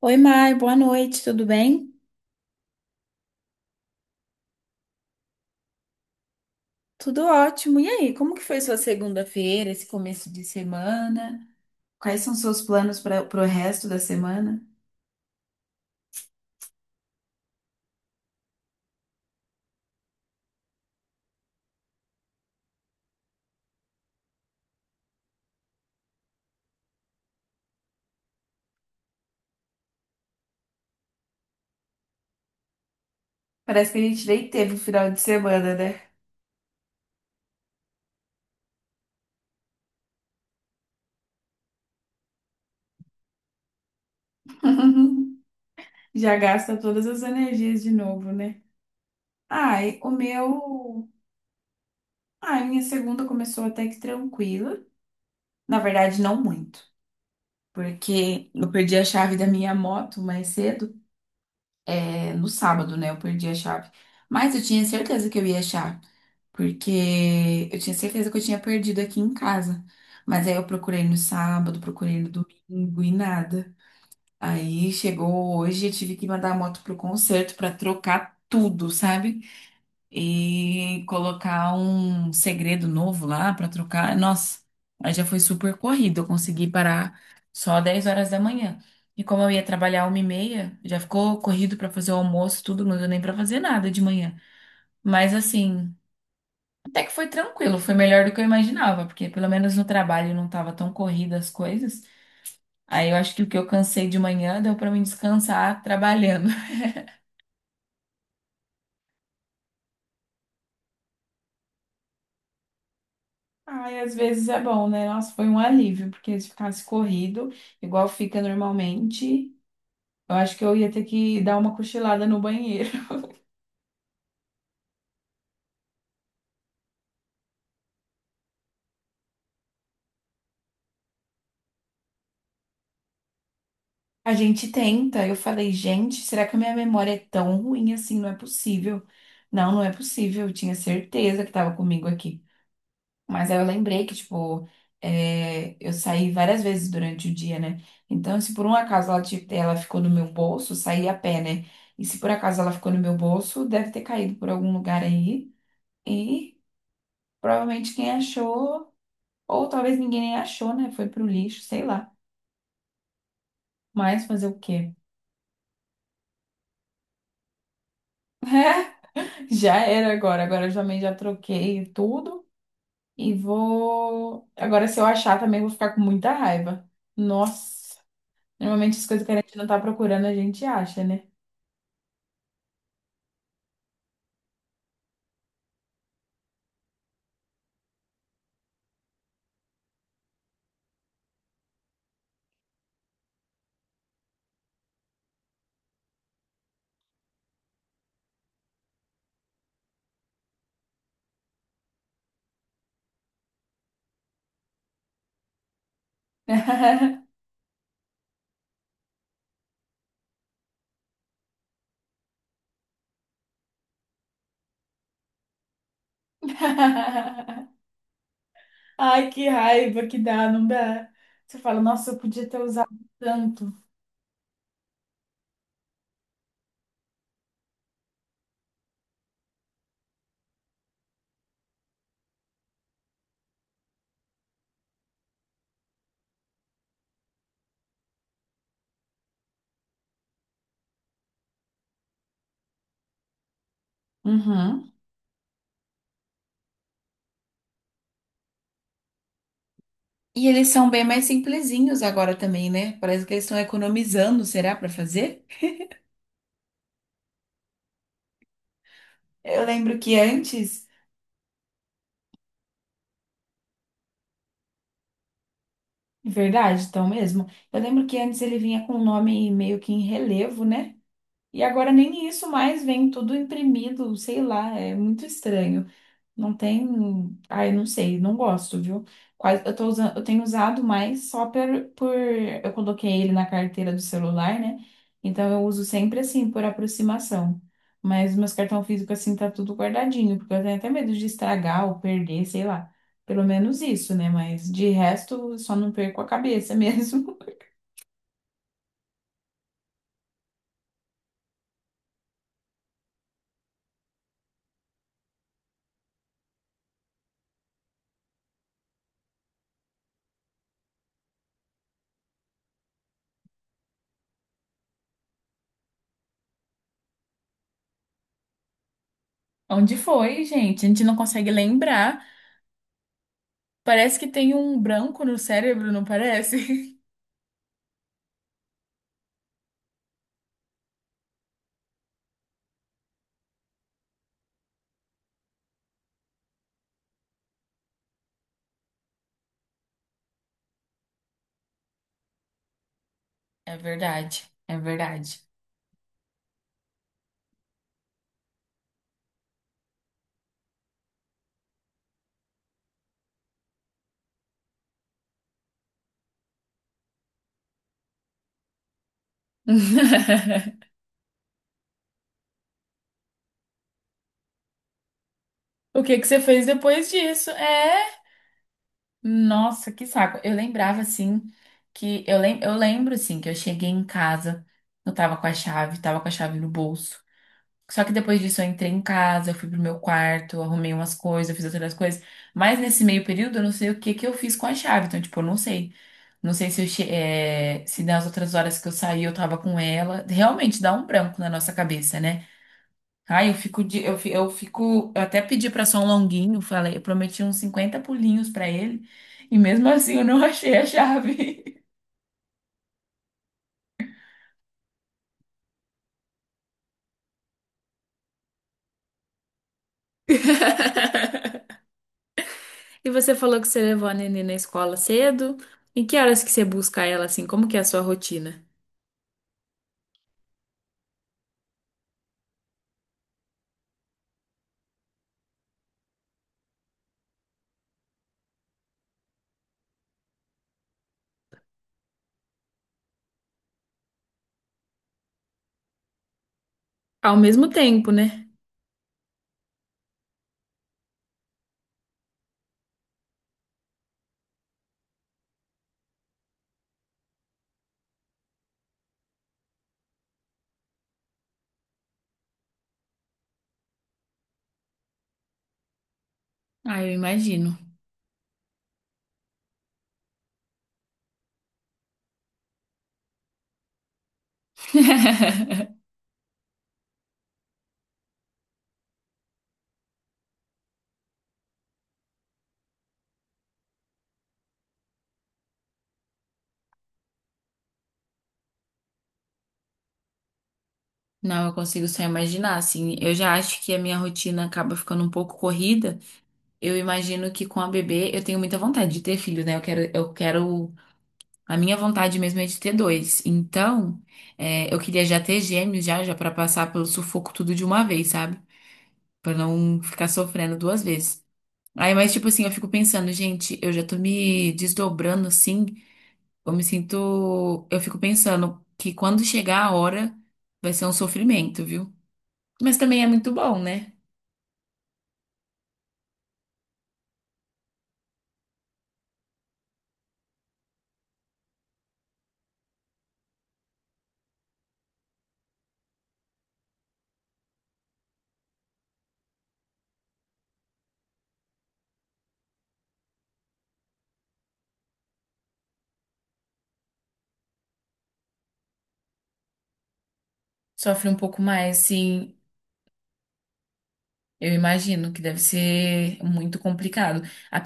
Oi, Mai, boa noite, tudo bem? Tudo ótimo. E aí, como que foi sua segunda-feira, esse começo de semana? Quais são seus planos para o resto da semana? Parece que a gente nem teve o final de semana, né? Já gasta todas as energias de novo, né? Ai, o meu. Ai, minha segunda começou até que tranquila. Na verdade, não muito. Porque eu perdi a chave da minha moto mais cedo. É, no sábado, né? Eu perdi a chave. Mas eu tinha certeza que eu ia achar, porque eu tinha certeza que eu tinha perdido aqui em casa. Mas aí eu procurei no sábado, procurei no domingo e nada. Aí chegou hoje, eu tive que mandar a moto pro concerto pra trocar tudo, sabe? E colocar um segredo novo lá pra trocar. Nossa, aí já foi super corrido. Eu consegui parar só 10 horas da manhã. E como eu ia trabalhar 1h30, já ficou corrido pra fazer o almoço, tudo, não deu nem pra fazer nada de manhã. Mas assim, até que foi tranquilo, foi melhor do que eu imaginava, porque pelo menos no trabalho não estava tão corrida as coisas. Aí eu acho que o que eu cansei de manhã deu para mim descansar trabalhando. Ai, às vezes é bom, né? Nossa, foi um alívio, porque se ficasse corrido, igual fica normalmente, eu acho que eu ia ter que dar uma cochilada no banheiro. A gente tenta, eu falei, gente, será que a minha memória é tão ruim assim? Não é possível. Não, não é possível. Eu tinha certeza que estava comigo aqui. Mas aí eu lembrei que, tipo, é, eu saí várias vezes durante o dia, né? Então, se por um acaso ela ficou no meu bolso, eu saí a pé, né? E se por acaso ela ficou no meu bolso, deve ter caído por algum lugar aí. E provavelmente quem achou, ou talvez ninguém nem achou, né? Foi pro lixo, sei lá. Mas fazer o quê? Já era agora. Agora eu também já troquei tudo. E vou. Agora, se eu achar, também vou ficar com muita raiva. Nossa. Normalmente as coisas que a gente não tá procurando, a gente acha, né? Ai, que raiva que dá, não dá. Você fala, nossa, eu podia ter usado tanto. Uhum. E eles são bem mais simplesinhos agora também, né? Parece que eles estão economizando, será, para fazer? Eu lembro que antes, verdade, então mesmo. Eu lembro que antes ele vinha com o nome meio que em relevo, né? E agora nem isso mais vem tudo imprimido, sei lá, é muito estranho. Não tem. Ai, não sei, não gosto, viu? Quase, eu tô usando, eu tenho usado mais só por. Eu coloquei ele na carteira do celular, né? Então eu uso sempre assim, por aproximação. Mas meus cartão físico, assim, tá tudo guardadinho, porque eu tenho até medo de estragar ou perder, sei lá. Pelo menos isso, né? Mas de resto, só não perco a cabeça mesmo. Onde foi, gente? A gente não consegue lembrar. Parece que tem um branco no cérebro, não parece? É verdade, é verdade. O que que você fez depois disso? É, nossa, que saco. Eu lembrava assim que eu lembro assim que eu cheguei em casa, eu tava com a chave, tava com a chave no bolso. Só que depois disso eu entrei em casa, eu fui pro meu quarto, eu arrumei umas coisas, eu fiz outras coisas. Mas nesse meio período eu não sei o que que eu fiz com a chave. Então, tipo, eu não sei. Não sei se se nas outras horas que eu saí eu tava com ela. Realmente dá um branco na nossa cabeça, né? Ai, eu fico, eu até pedi pra só um longuinho, falei, eu prometi uns 50 pulinhos pra ele, e mesmo assim eu não achei a chave. E você falou que você levou a Nenê na escola cedo. Em que horas que você busca ela assim? Como que é a sua rotina? Ao mesmo tempo, né? Ah, eu imagino. Não, eu consigo só imaginar, assim. Eu já acho que a minha rotina acaba ficando um pouco corrida. Eu imagino que com a bebê eu tenho muita vontade de ter filho, né? Eu quero. A minha vontade mesmo é de ter dois. Então, é, eu queria já ter gêmeos já, já para passar pelo sufoco tudo de uma vez, sabe? Para não ficar sofrendo duas vezes. Aí, mas tipo assim, eu fico pensando, gente, eu já tô me desdobrando assim, eu me sinto, eu fico pensando que quando chegar a hora vai ser um sofrimento, viu? Mas também é muito bom, né? Sofre um pouco mais, assim, eu imagino que deve ser muito complicado. A.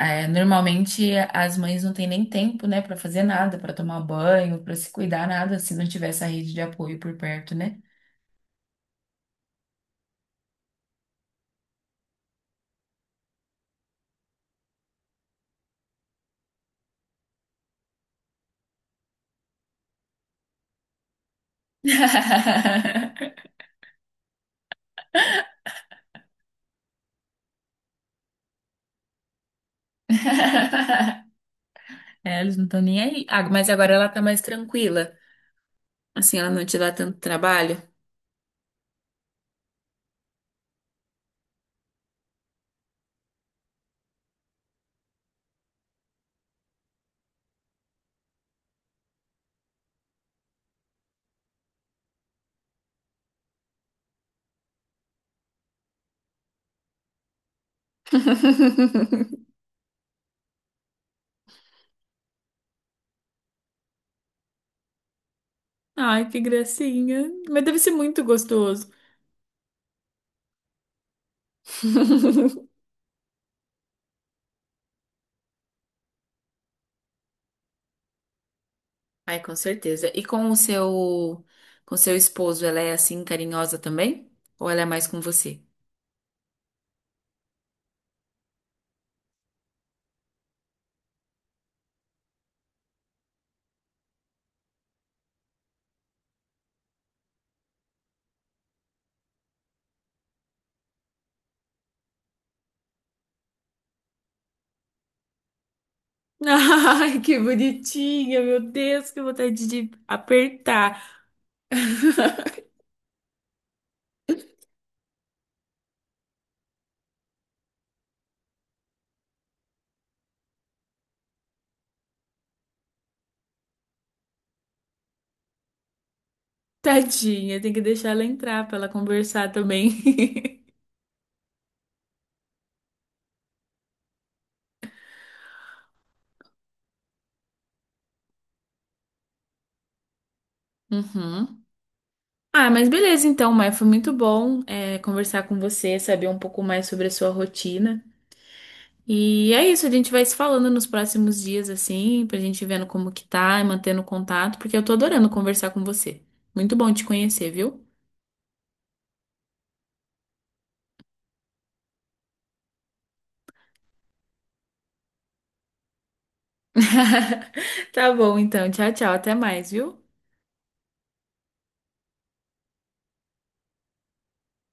É, normalmente as mães não têm nem tempo, né, para fazer nada, para tomar banho, para se cuidar, nada, se não tiver essa rede de apoio por perto, né? É, eles não estão nem aí. Ah, mas agora ela tá mais tranquila. Assim, ela não te dá tanto trabalho. Ai, que gracinha. Mas deve ser muito gostoso. Ai, com certeza. E com o seu, com seu esposo, ela é assim carinhosa também? Ou ela é mais com você? Ai, que bonitinha, meu Deus, que vontade de apertar. Tadinha, tem que deixar ela entrar pra ela conversar também. Uhum. Ah, mas beleza então, Maia, foi muito bom é, conversar com você, saber um pouco mais sobre a sua rotina. E é isso, a gente vai se falando nos próximos dias, assim, pra gente ir vendo como que tá e mantendo contato, porque eu tô adorando conversar com você. Muito bom te conhecer, viu? Tá bom, então. Tchau, tchau. Até mais, viu?